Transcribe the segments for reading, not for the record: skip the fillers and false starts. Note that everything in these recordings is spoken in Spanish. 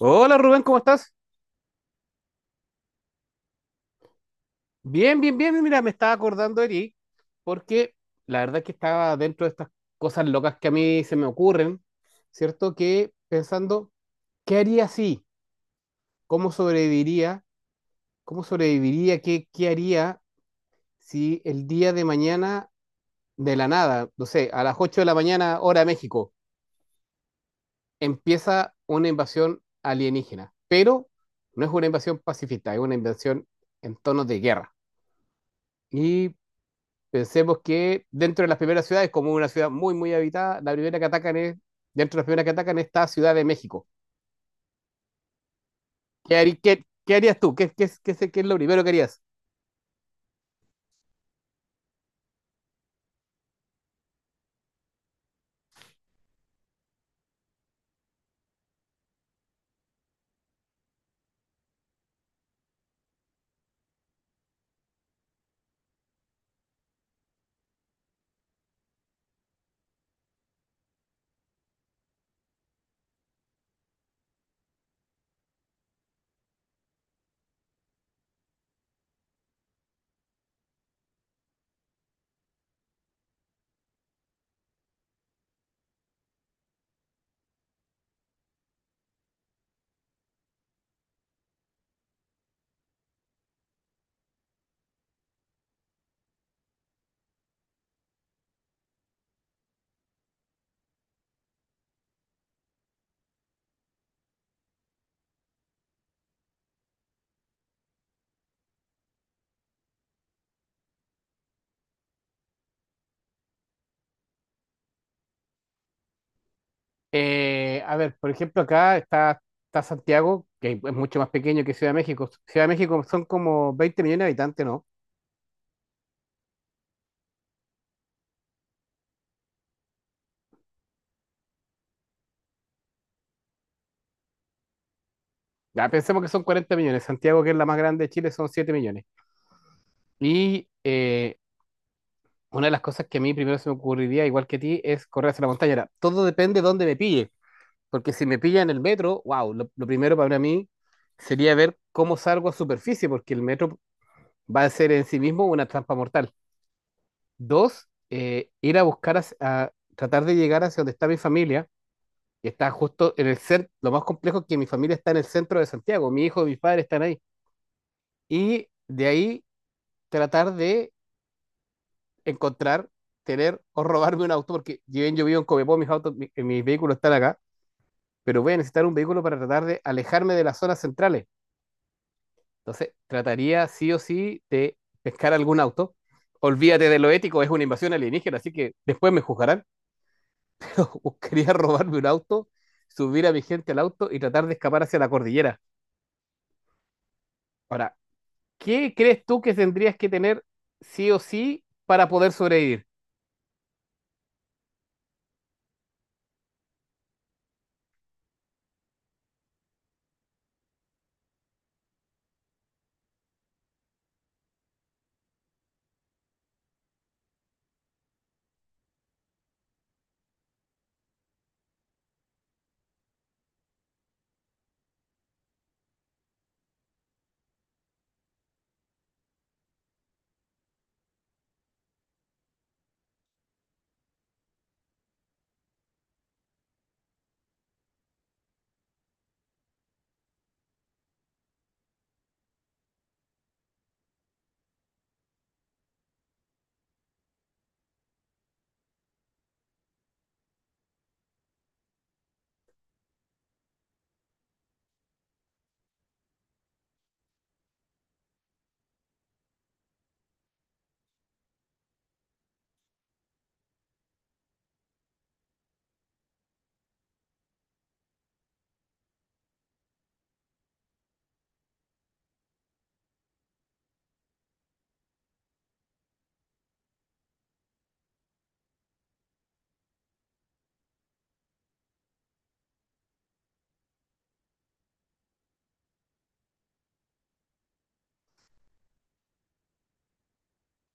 Hola Rubén, ¿cómo estás? Bien, bien, bien. Mira, me estaba acordando de ti porque la verdad es que estaba dentro de estas cosas locas que a mí se me ocurren, ¿cierto? Que pensando, ¿qué haría si? ¿Cómo sobreviviría? ¿Cómo sobreviviría? ¿Qué haría si el día de mañana, de la nada, no sé, a las 8 de la mañana, hora México, empieza una invasión alienígena? Pero no es una invasión pacifista, es una invasión en tonos de guerra. Y Pensemos que dentro de las primeras ciudades, como una ciudad muy, muy habitada, la primera que atacan es, dentro de las primeras que atacan está Ciudad de México. ¿Qué, qué harías tú? ¿Qué es lo primero que harías? A ver, por ejemplo, acá está, está Santiago, que es mucho más pequeño que Ciudad de México. Ciudad de México son como 20 millones de habitantes, ¿no? Ya, pensemos que son 40 millones. Santiago, que es la más grande de Chile, son 7 millones. Y eh, una de las cosas que a mí primero se me ocurriría, igual que a ti, es correr hacia la montaña. Ahora, todo depende de dónde me pille. Porque si me pilla en el metro, wow, lo primero para mí sería ver cómo salgo a superficie, porque el metro va a ser en sí mismo una trampa mortal. Dos, ir a buscar, tratar de llegar hacia donde está mi familia, que está justo en el centro, lo más complejo es que mi familia está en el centro de Santiago, mi hijo y mis padres están ahí. Y de ahí tratar de encontrar, tener o robarme un auto, porque yo vivo en Copiapó, mis autos, mis vehículos están acá, pero voy a necesitar un vehículo para tratar de alejarme de las zonas centrales. Entonces, trataría sí o sí de pescar algún auto. Olvídate de lo ético, es una invasión alienígena, así que después me juzgarán. Buscaría robarme un auto, subir a mi gente al auto y tratar de escapar hacia la cordillera. Ahora, ¿qué crees tú que tendrías que tener sí o sí para poder sobrevivir?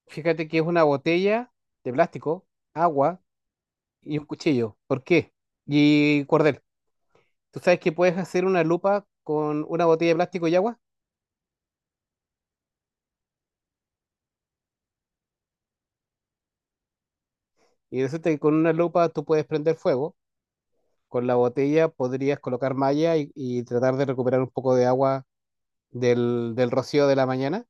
Fíjate que es una botella de plástico, agua y un cuchillo. ¿Por qué? Y cordel. Tú sabes que puedes hacer una lupa con una botella de plástico y agua, y resulta que con una lupa tú puedes prender fuego. Con la botella podrías colocar malla y tratar de recuperar un poco de agua del rocío de la mañana.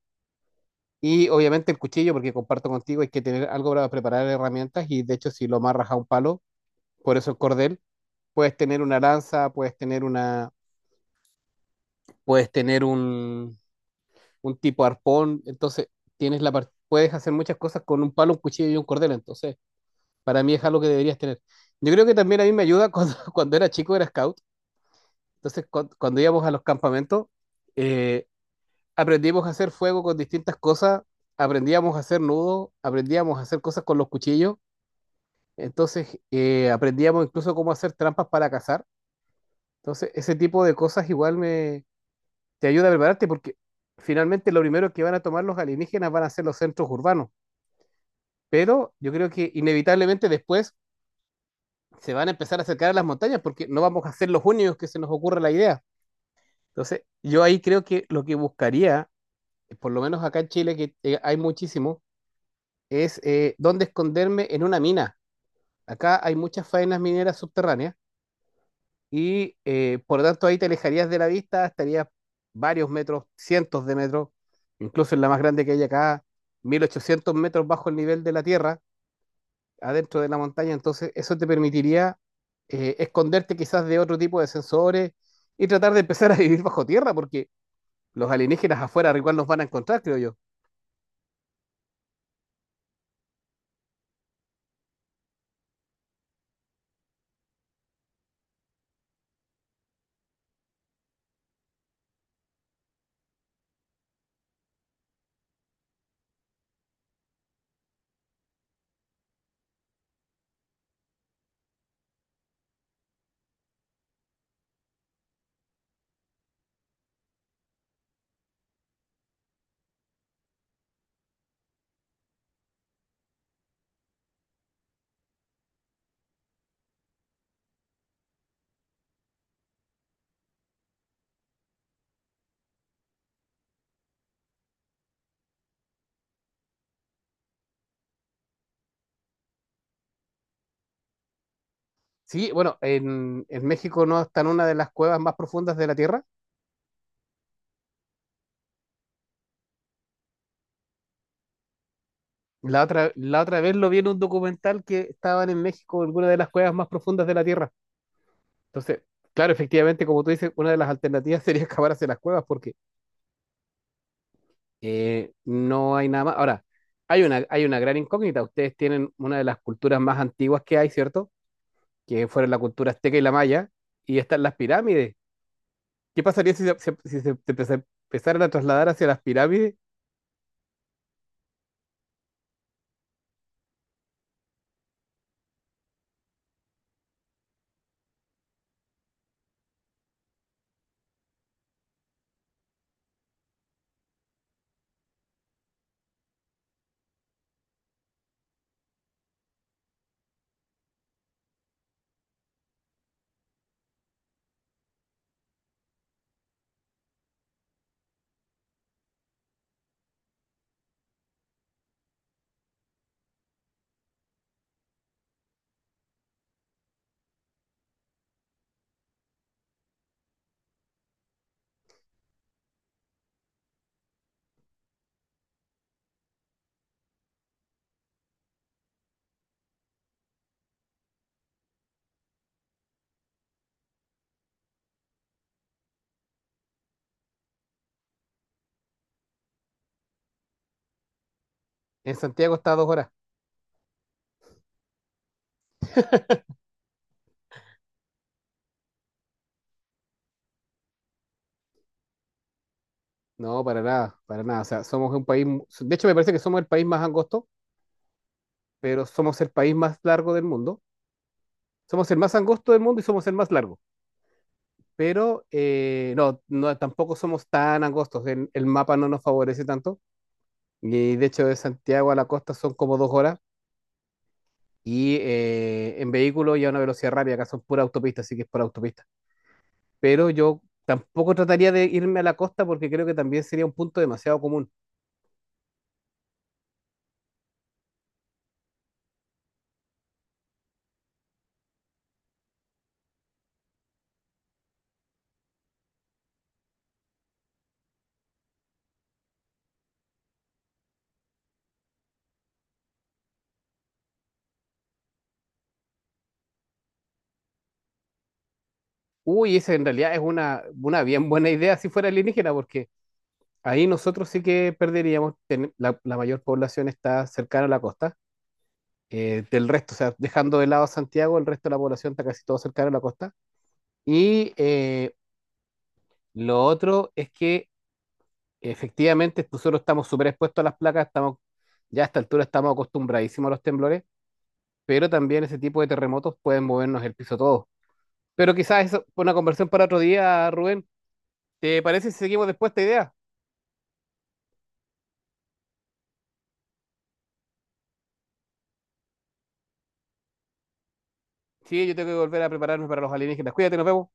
Y obviamente el cuchillo, porque comparto contigo, hay que tener algo para preparar herramientas y de hecho si lo amarras a un palo, por eso el cordel, puedes tener una lanza, puedes tener una, puedes tener un tipo arpón, entonces puedes hacer muchas cosas con un palo, un cuchillo y un cordel, entonces para mí es algo que deberías tener. Yo creo que también a mí me ayuda cuando, cuando era chico, era scout, entonces cuando íbamos a los campamentos, eh, aprendimos a hacer fuego con distintas cosas, aprendíamos a hacer nudos, aprendíamos a hacer cosas con los cuchillos, entonces aprendíamos incluso cómo hacer trampas para cazar. Entonces, ese tipo de cosas igual me te ayuda a prepararte porque finalmente lo primero que van a tomar los alienígenas van a ser los centros urbanos, pero yo creo que inevitablemente después se van a empezar a acercar a las montañas porque no vamos a ser los únicos que se nos ocurra la idea. Entonces, yo ahí creo que lo que buscaría, por lo menos acá en Chile, que hay muchísimo, es dónde esconderme en una mina. Acá hay muchas faenas mineras subterráneas y por lo tanto ahí te alejarías de la vista, estarías varios metros, cientos de metros, incluso en la más grande que hay acá, 1800 metros bajo el nivel de la tierra, adentro de la montaña. Entonces eso te permitiría esconderte quizás de otro tipo de sensores y tratar de empezar a vivir bajo tierra, porque los alienígenas afuera igual nos van a encontrar, creo yo. Sí, bueno, en México no está en una de las cuevas más profundas de la Tierra. La otra vez lo vi en un documental que estaban en México, en alguna de las cuevas más profundas de la Tierra. Entonces, claro, efectivamente, como tú dices, una de las alternativas sería excavar hacia las cuevas porque no hay nada más. Ahora, hay una gran incógnita. Ustedes tienen una de las culturas más antiguas que hay, ¿cierto? Que fueron la cultura azteca y la maya, y están las pirámides. ¿Qué pasaría si empezaran a trasladar hacia las pirámides? En Santiago está a 2 horas. No, para nada, para nada. O sea, somos un país, de hecho me parece que somos el país más angosto, pero somos el país más largo del mundo. Somos el más angosto del mundo y somos el más largo. Pero tampoco somos tan angostos. El mapa no nos favorece tanto. Y de hecho, de Santiago a la costa son como 2 horas. Y en vehículo y a una velocidad rápida, acá son pura autopista, así que es por autopista. Pero yo tampoco trataría de irme a la costa porque creo que también sería un punto demasiado común. Uy, esa en realidad es una bien buena idea si fuera alienígena, porque ahí nosotros sí que perderíamos, la mayor población está cercana a la costa, del resto, o sea, dejando de lado Santiago, el resto de la población está casi todo cercano a la costa. Y lo otro es que efectivamente nosotros estamos súper expuestos a las placas, estamos, ya a esta altura estamos acostumbradísimos a los temblores, pero también ese tipo de terremotos pueden movernos el piso todo. Pero quizás eso fue una conversación para otro día, Rubén. ¿Te parece si seguimos después esta idea? Sí, yo tengo que volver a prepararme para los alienígenas. Cuídate, nos vemos.